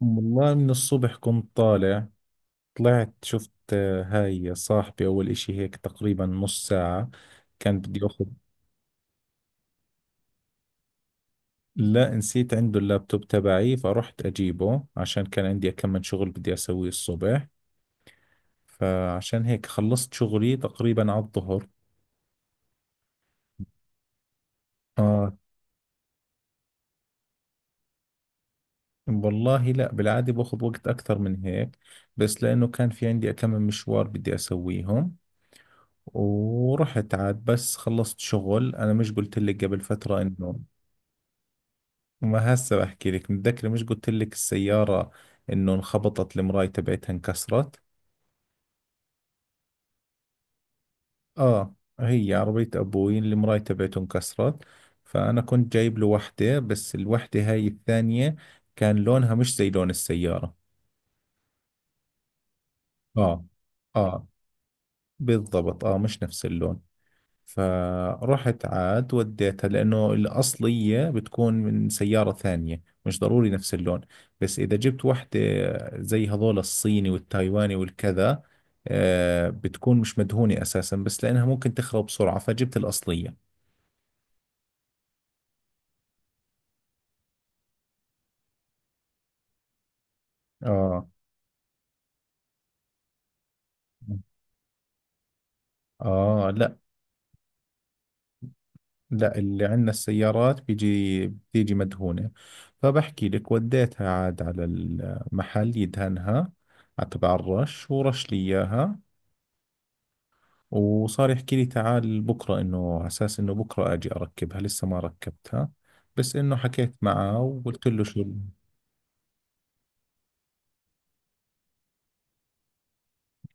والله من الصبح كنت طالع. طلعت شفت، هاي صاحبي أول إشي، هيك تقريبا نص ساعة. كان بدي أخذ لا، نسيت عنده اللابتوب تبعي، فرحت أجيبه عشان كان عندي كم من شغل بدي أسويه الصبح. فعشان هيك خلصت شغلي تقريبا على الظهر. آه، والله لا، بالعادة باخذ وقت أكثر من هيك، بس لأنه كان في عندي كم من مشوار بدي أسويهم. ورحت عاد بس خلصت شغل، أنا مش قلت لك قبل فترة إنه، ما هسه بحكي لك؟ متذكرة مش قلت لك السيارة انه انخبطت المراية تبعتها انكسرت؟ اه، هي عربية ابوي اللي المراية تبعته انكسرت. فانا كنت جايب له وحدة، بس الوحدة هاي الثانية كان لونها مش زي لون السيارة. اه، اه، بالضبط، اه مش نفس اللون. فرحت عاد وديتها، لأنه الأصلية بتكون من سيارة ثانية، مش ضروري نفس اللون. بس إذا جبت واحدة زي هذول الصيني والتايواني والكذا، بتكون مش مدهونة أساسا، بس لأنها ممكن تخرب بسرعة فجبت الأصلية. آه آه، لا، لا، اللي عندنا السيارات بتيجي مدهونة. فبحكي لك وديتها عاد على المحل يدهنها، على تبع الرش، ورش لي إياها. وصار يحكي لي تعال بكرة، إنه على أساس إنه بكرة أجي أركبها، لسه ما ركبتها. بس إنه حكيت معه وقلت له شو.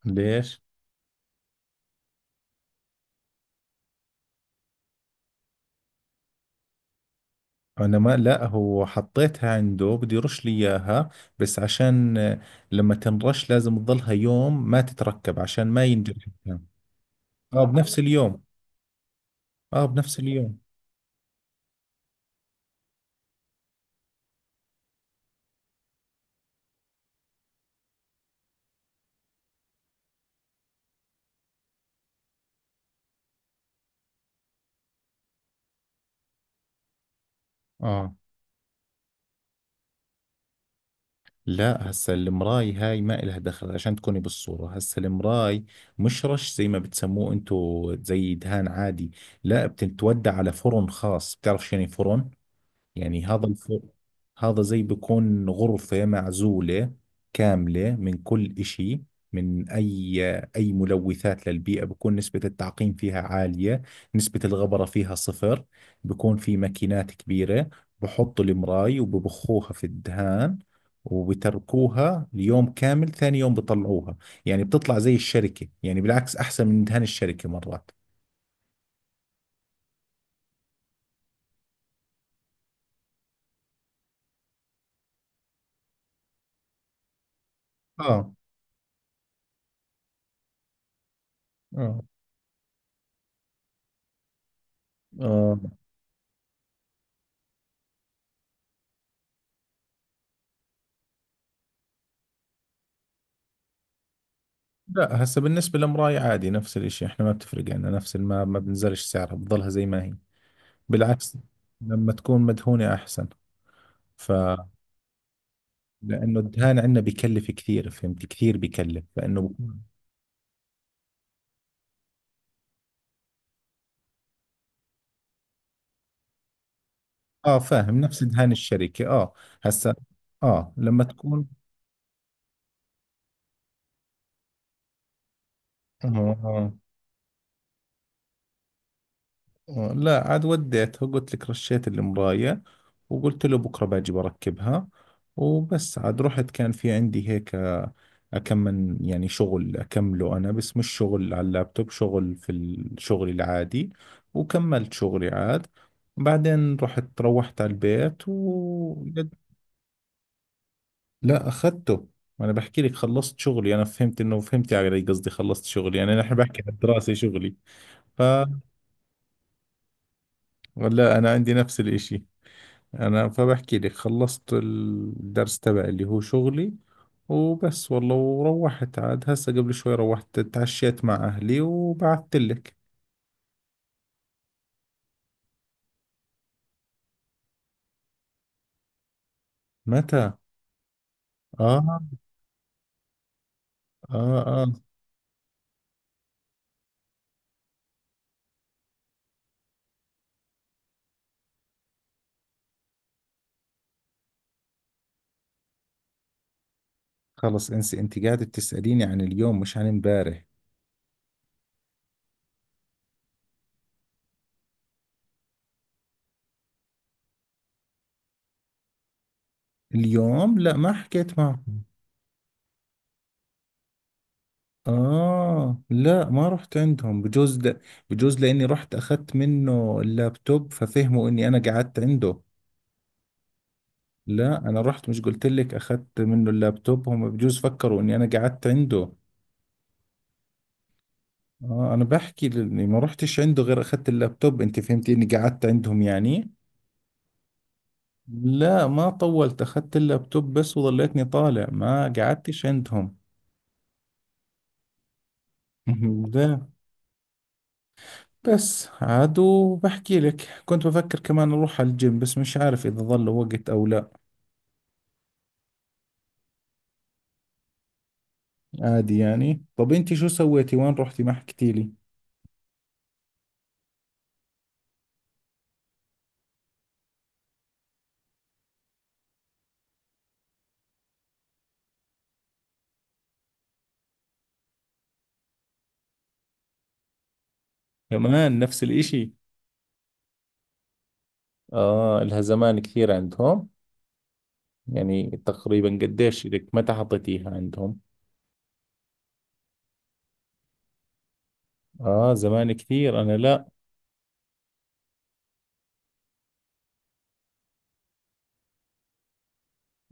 ليش؟ أنا ما لا هو حطيتها عنده بده يرش لي إياها، بس عشان، لما تنرش لازم تضلها يوم ما تتركب عشان ما ينجرح الكلام. آه، بنفس اليوم. آه، بنفس اليوم. آه، لا، هسا المراي هاي ما إلها دخل، عشان تكوني بالصورة، هسا المراي مش رش زي ما بتسموه انتو زي دهان عادي. لا، بتتودى على فرن خاص. بتعرف شو يعني فرن؟ يعني هذا، زي بكون غرفة معزولة كاملة من كل إشي، من أي، ملوثات للبيئة، بكون نسبة التعقيم فيها عالية، نسبة الغبرة فيها صفر. بكون في ماكينات كبيرة، بحطوا المراي وببخوها في الدهان، وبتركوها ليوم كامل، ثاني يوم بطلعوها. يعني بتطلع زي الشركة، يعني بالعكس أحسن من دهان الشركة مرات. آه، آه، آه، لا، هسه بالنسبة للمراية عادي نفس الاشي، احنا ما بتفرق عنا، نفس ما بنزلش سعرها، بتضلها زي ما هي، بالعكس، لما تكون مدهونة احسن. ف لانه الدهان عندنا بكلف كثير، فهمت؟ كثير بكلف، فانه بكون. اه، فاهم، نفس دهان الشركة، اه. هسه، اه لما تكون، اه. لا، عاد وديتها قلت لك رشيت المراية، وقلت له بكرة باجي بركبها. وبس عاد رحت، كان في عندي هيك، أكمل يعني شغل أكمله، أنا بس مش شغل على اللابتوب، شغل في الشغل العادي. وكملت شغلي عاد. بعدين روحت على البيت، و... لا، أخذته. أنا بحكي لك خلصت شغلي، أنا فهمت إنه، فهمت علي قصدي، خلصت شغلي يعني، أنا نحن بحكي عن الدراسة، شغلي. فلا، أنا عندي نفس الإشي. انا فبحكي لك خلصت الدرس تبعي اللي هو شغلي. وبس والله، وروحت عاد هسه قبل شوي، روحت تعشيت مع اهلي وبعثت لك. متى؟ اه، اه، اه. خلص انسي، انت قاعدة تسأليني عن اليوم مش عن امبارح. اليوم لا، ما حكيت معهم. اه، لا ما رحت عندهم، بجوز لاني رحت اخذت منه اللابتوب ففهموا اني انا قعدت عنده. لا، انا رحت، مش قلت لك اخذت منه اللابتوب؟ هم بجوز فكروا اني انا قعدت عنده. اه، انا بحكي لاني ما رحتش عنده غير اخذت اللابتوب، انت فهمتي اني قعدت عندهم يعني. لا ما طولت، اخذت اللابتوب بس وظليتني طالع، ما قعدتش عندهم. ده بس عاد، وبحكي لك كنت بفكر كمان اروح على الجيم، بس مش عارف اذا ظل وقت او لا. عادي يعني. طب انت شو سويتي، وين رحتي؟ ما حكيتي لي. كمان نفس الإشي. آه، لها زمان كثير عندهم. يعني تقريبا قديش لك متى حطيتيها عندهم؟ آه زمان كثير، أنا لا.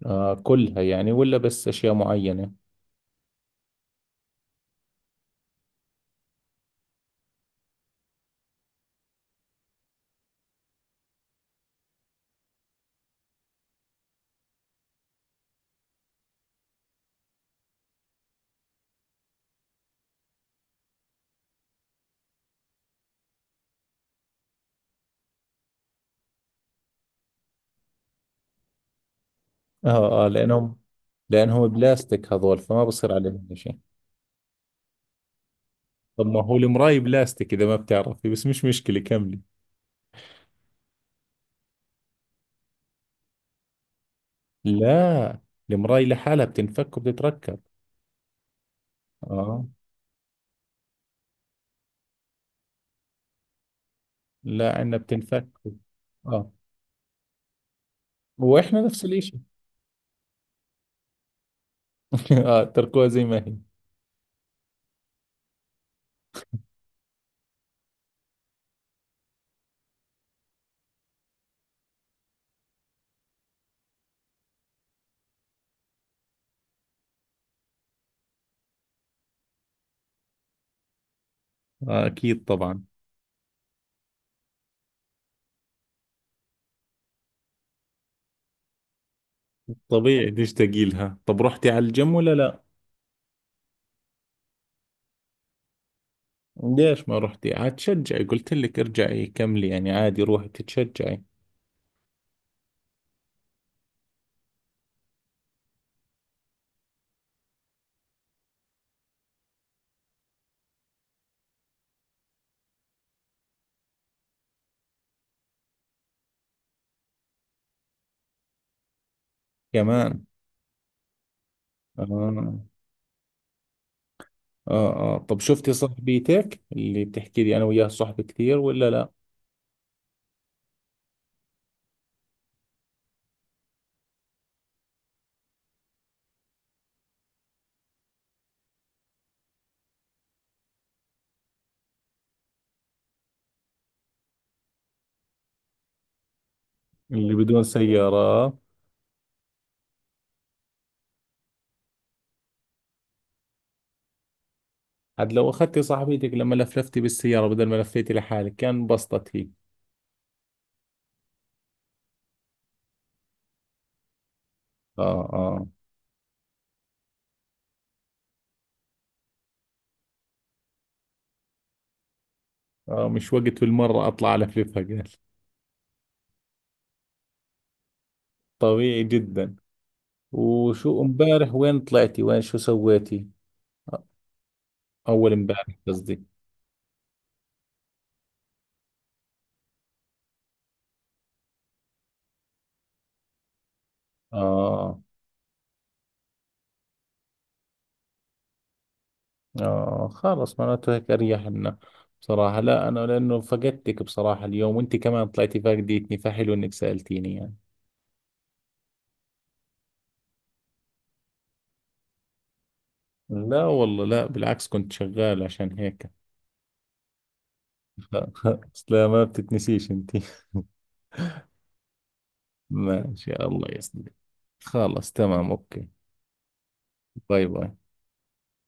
آه، كلها يعني ولا بس أشياء معينة؟ آه، آه، لأنهم بلاستيك هذول، فما بصير عليهم شيء. طب ما هو المراي بلاستيك، إذا ما بتعرفي بس مش مشكلة كملي. لا. المراي لحالها بتنفك وبتتركب. آه، لا عندنا بتنفك. آه، وإحنا نفس الإشي. آه، تركوها زي ما هي. آه، أكيد طبعا. طبيعي تشتاقي لها. طب رحتي على الجيم ولا لا؟ ليش ما رحتي عاد تشجعي؟ قلت لك ارجعي كملي يعني، عادي روحي تتشجعي. كمان. آه، آه، آه. طب شفتي صاحبيتك اللي بتحكي لي؟ أنا وياها صحبة كثير ولا لا؟ اللي بدون سيارة. عاد لو أخذتي صاحبيتك لما لفلفتي بالسيارة بدل ما لفيتي لحالك كان انبسطت هي. آه، آه، آه، مش وقت بالمرة أطلع ألفلفها قال. طبيعي جدا. وشو امبارح، وين طلعتي، وين شو سويتي؟ أول امبارح قصدي. آه، آه، خلاص، معناته هيك أريح لنا. بصراحة لا، أنا لأنه فقدتك بصراحة اليوم، وأنت كمان طلعتي فاقدتني، فحلو إنك سألتيني يعني. لا والله، لا بالعكس، كنت شغال عشان هيك. لا خلاص، لا، ما بتتنسيش أنت. ماشي، الله يسلمك. خلاص تمام، أوكي. باي باي.